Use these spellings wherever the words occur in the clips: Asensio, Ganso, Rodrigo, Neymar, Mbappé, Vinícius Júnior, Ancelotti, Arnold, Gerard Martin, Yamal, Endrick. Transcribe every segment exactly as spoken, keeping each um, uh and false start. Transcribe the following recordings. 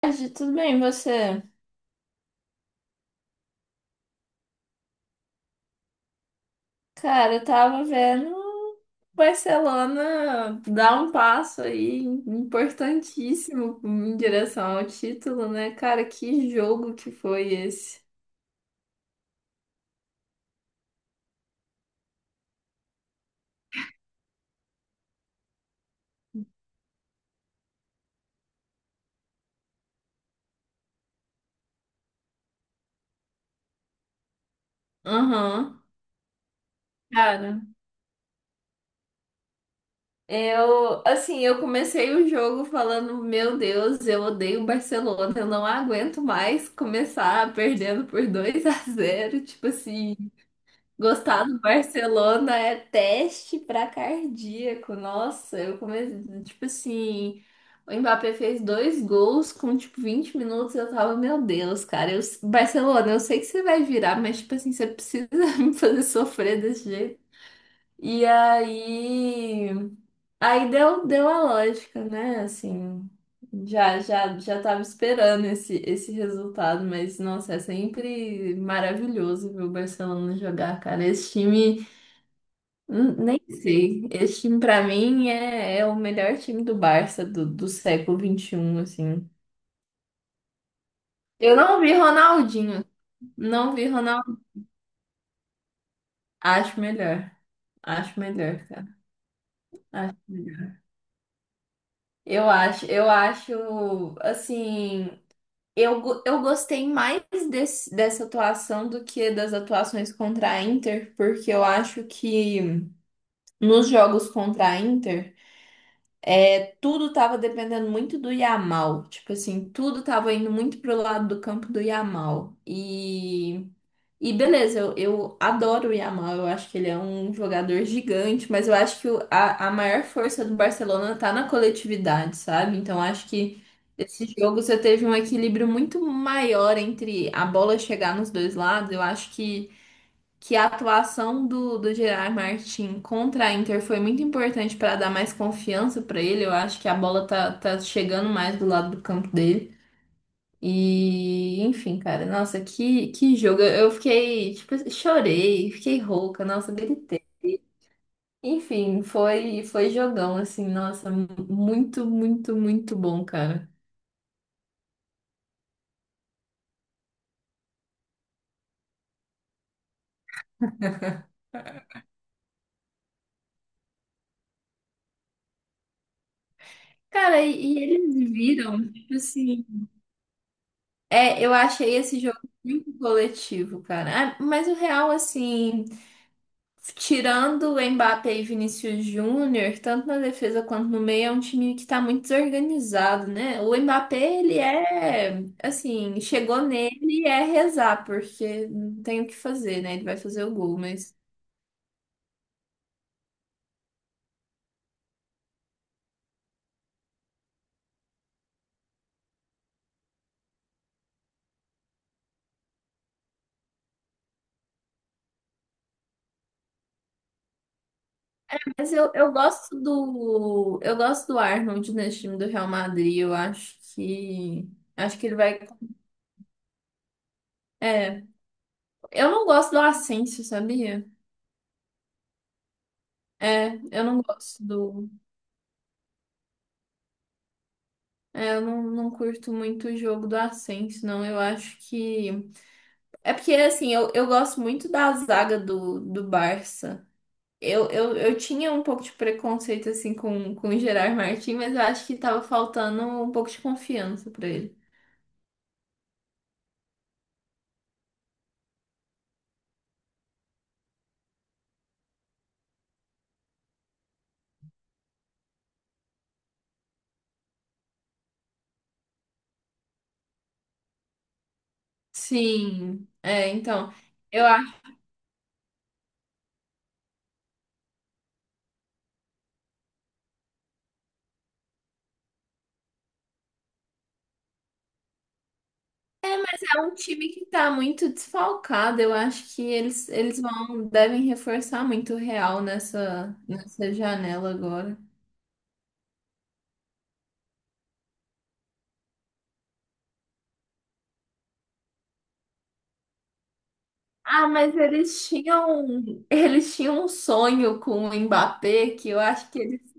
Tarde, tudo bem, você? Cara, eu tava vendo o Barcelona dar um passo aí importantíssimo em direção ao título, né? Cara, que jogo que foi esse? Aham. Cara, eu, assim, eu comecei o jogo falando, meu Deus, eu odeio o Barcelona, eu não aguento mais começar perdendo por dois a zero, tipo assim. Gostar do Barcelona é teste pra cardíaco. Nossa, eu comecei, tipo assim, o Mbappé fez dois gols com tipo vinte minutos, eu tava, meu Deus, cara, eu, Barcelona, eu sei que você vai virar, mas tipo assim, você precisa me fazer sofrer desse jeito. E aí Aí deu, deu a lógica, né? Assim, já já já tava esperando esse esse resultado, mas nossa, é sempre maravilhoso ver o Barcelona jogar, cara. Esse time, hum, nem sei. Esse time pra mim é, é o melhor time do Barça do, do século vinte e um, assim. Eu não vi Ronaldinho, não vi Ronaldinho. Acho melhor. Acho melhor, cara. Eu acho, eu acho assim. Eu, go- eu gostei mais desse- dessa atuação do que das atuações contra a Inter, porque eu acho que nos jogos contra a Inter, é, tudo tava dependendo muito do Yamal. Tipo assim, tudo tava indo muito pro lado do campo do Yamal. E e beleza, eu, eu adoro o Yamal, eu acho que ele é um jogador gigante, mas eu acho que o- a, a maior força do Barcelona tá na coletividade, sabe? Então acho que esse jogo você teve um equilíbrio muito maior entre a bola chegar nos dois lados. Eu acho que, que a atuação do, do Gerard Martin contra a Inter foi muito importante para dar mais confiança para ele. Eu acho que a bola tá, tá chegando mais do lado do campo dele. E, enfim, cara, nossa, que, que jogo. Eu fiquei, tipo, assim, chorei, fiquei rouca, nossa, gritei. Enfim, foi, foi jogão, assim, nossa, mu- muito, muito, muito bom, cara. Cara, e, e eles viram, tipo assim. É, eu achei esse jogo muito coletivo, cara. Ah, mas o Real, assim. Tirando o Mbappé e Vinícius Júnior, tanto na defesa quanto no meio, é um time que tá muito desorganizado, né? O Mbappé, ele é, assim, chegou nele e é rezar, porque não tem o que fazer, né? Ele vai fazer o gol, mas... Mas eu, eu gosto do... Eu gosto do Arnold nesse time do Real Madrid, eu acho que... Acho que ele vai... É, eu não gosto do Asensio, sabia? É, eu não gosto do... É, eu não, não curto muito o jogo do Ascenso, não. Eu acho que. É porque, assim, eu, eu gosto muito da zaga do, do Barça. Eu, eu, eu tinha um pouco de preconceito, assim, com, com o Gerard Martin, mas eu acho que tava faltando um pouco de confiança pra ele. Sim, é, então. Eu acho. É, mas é um time que tá muito desfalcado. Eu acho que eles, eles vão, devem reforçar muito o Real nessa, nessa janela agora. Ah, mas eles tinham, eles tinham um sonho com o Mbappé que eu acho que eles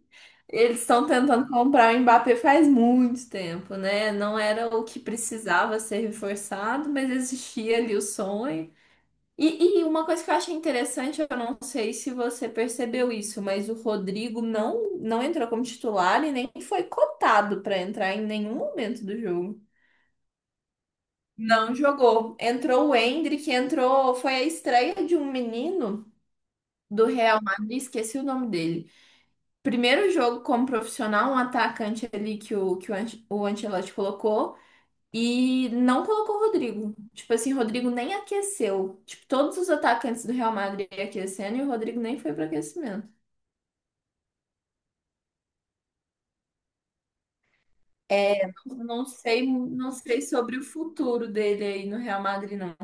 eles estão tentando comprar o Mbappé faz muito tempo, né? Não era o que precisava ser reforçado, mas existia ali o sonho. E, e uma coisa que eu achei interessante, eu não sei se você percebeu isso, mas o Rodrigo não não entrou como titular e nem foi cotado para entrar em nenhum momento do jogo. Não jogou. Entrou o Endrick, entrou, foi a estreia de um menino. Do Real Madrid, esqueci o nome dele. Primeiro jogo como profissional, um atacante ali que o, que o, Anche- o Ancelotti colocou e não colocou o Rodrigo. Tipo assim, o Rodrigo nem aqueceu. Tipo, todos os atacantes do Real Madrid aquecendo e o Rodrigo nem foi para aquecimento. É, não não sei, não sei sobre o futuro dele aí no Real Madrid, não.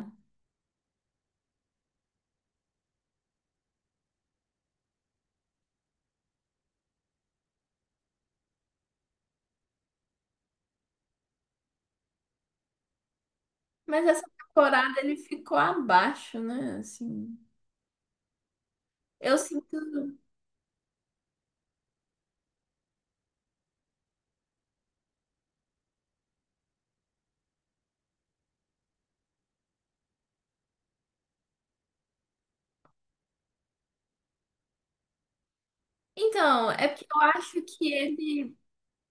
Mas essa temporada ele ficou abaixo, né? Assim, eu sinto. Então, é porque eu acho que ele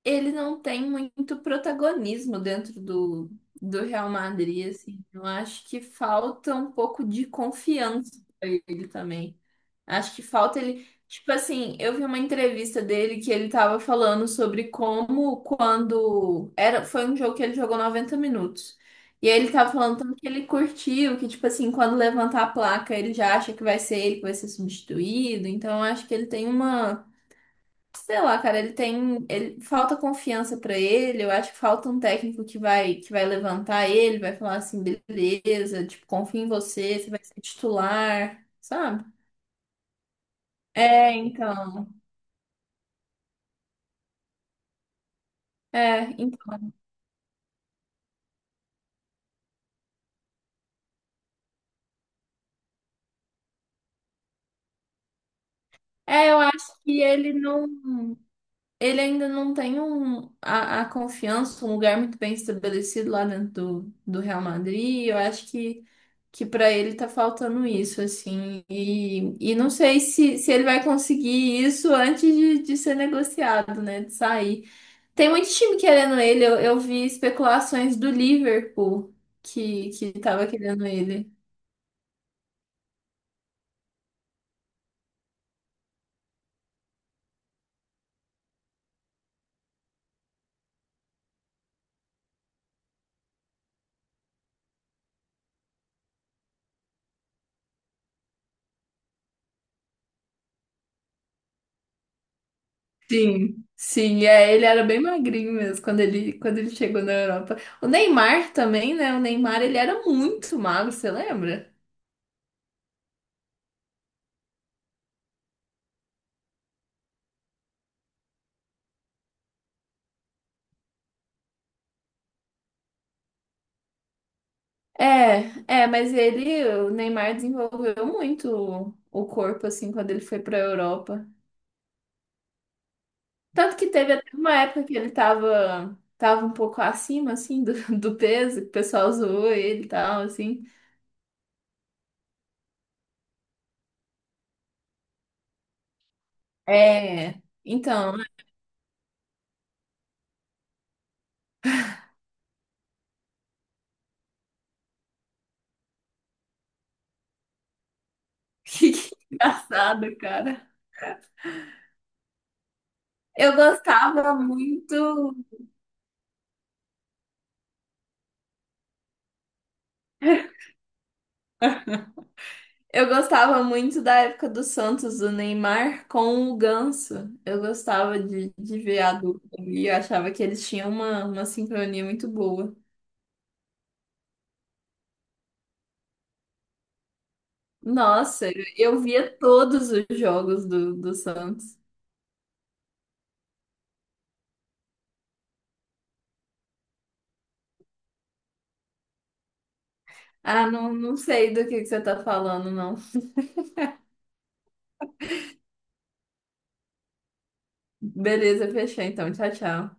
ele não tem muito protagonismo dentro do, do Real Madrid, assim. Eu acho que falta um pouco de confiança pra ele também. Acho que falta ele. Tipo assim, eu vi uma entrevista dele que ele tava falando sobre como quando era, foi um jogo que ele jogou noventa minutos. E aí ele tava falando tanto que ele curtiu, que tipo assim, quando levantar a placa, ele já acha que vai ser ele que vai ser substituído. Então eu acho que ele tem uma. Sei lá, cara, ele tem, ele falta confiança pra ele, eu acho que falta um técnico que vai que vai levantar ele, vai falar assim, beleza, tipo, confio em você, você vai ser titular, sabe? É, então. É, então. É, eu acho que ele não, ele ainda não tem um a, a confiança, um lugar muito bem estabelecido lá dentro do, do Real Madrid. Eu acho que que para ele tá faltando isso, assim, e, e não sei se, se ele vai conseguir isso antes de, de ser negociado, né, de sair. Tem muito time querendo ele, eu, eu vi especulações do Liverpool que, que tava querendo ele. Sim, sim, é, ele era bem magrinho mesmo quando ele, quando ele chegou na Europa. O Neymar também, né, o Neymar ele era muito magro, você lembra? É, é, mas ele, o Neymar desenvolveu muito o corpo assim quando ele foi para a Europa. Tanto que teve até uma época que ele tava, tava um pouco acima assim do, do peso, que o pessoal zoou ele e tal assim. É, então, que engraçado, cara. Eu gostava muito. Eu gostava muito da época do Santos, do Neymar com o Ganso. Eu gostava de, de ver a dupla ali, eu achava que eles tinham uma, uma sincronia muito boa. Nossa, eu eu via todos os jogos do, do Santos. Ah, não, não sei do que que você tá falando, não. Beleza, fechou então. Tchau, tchau.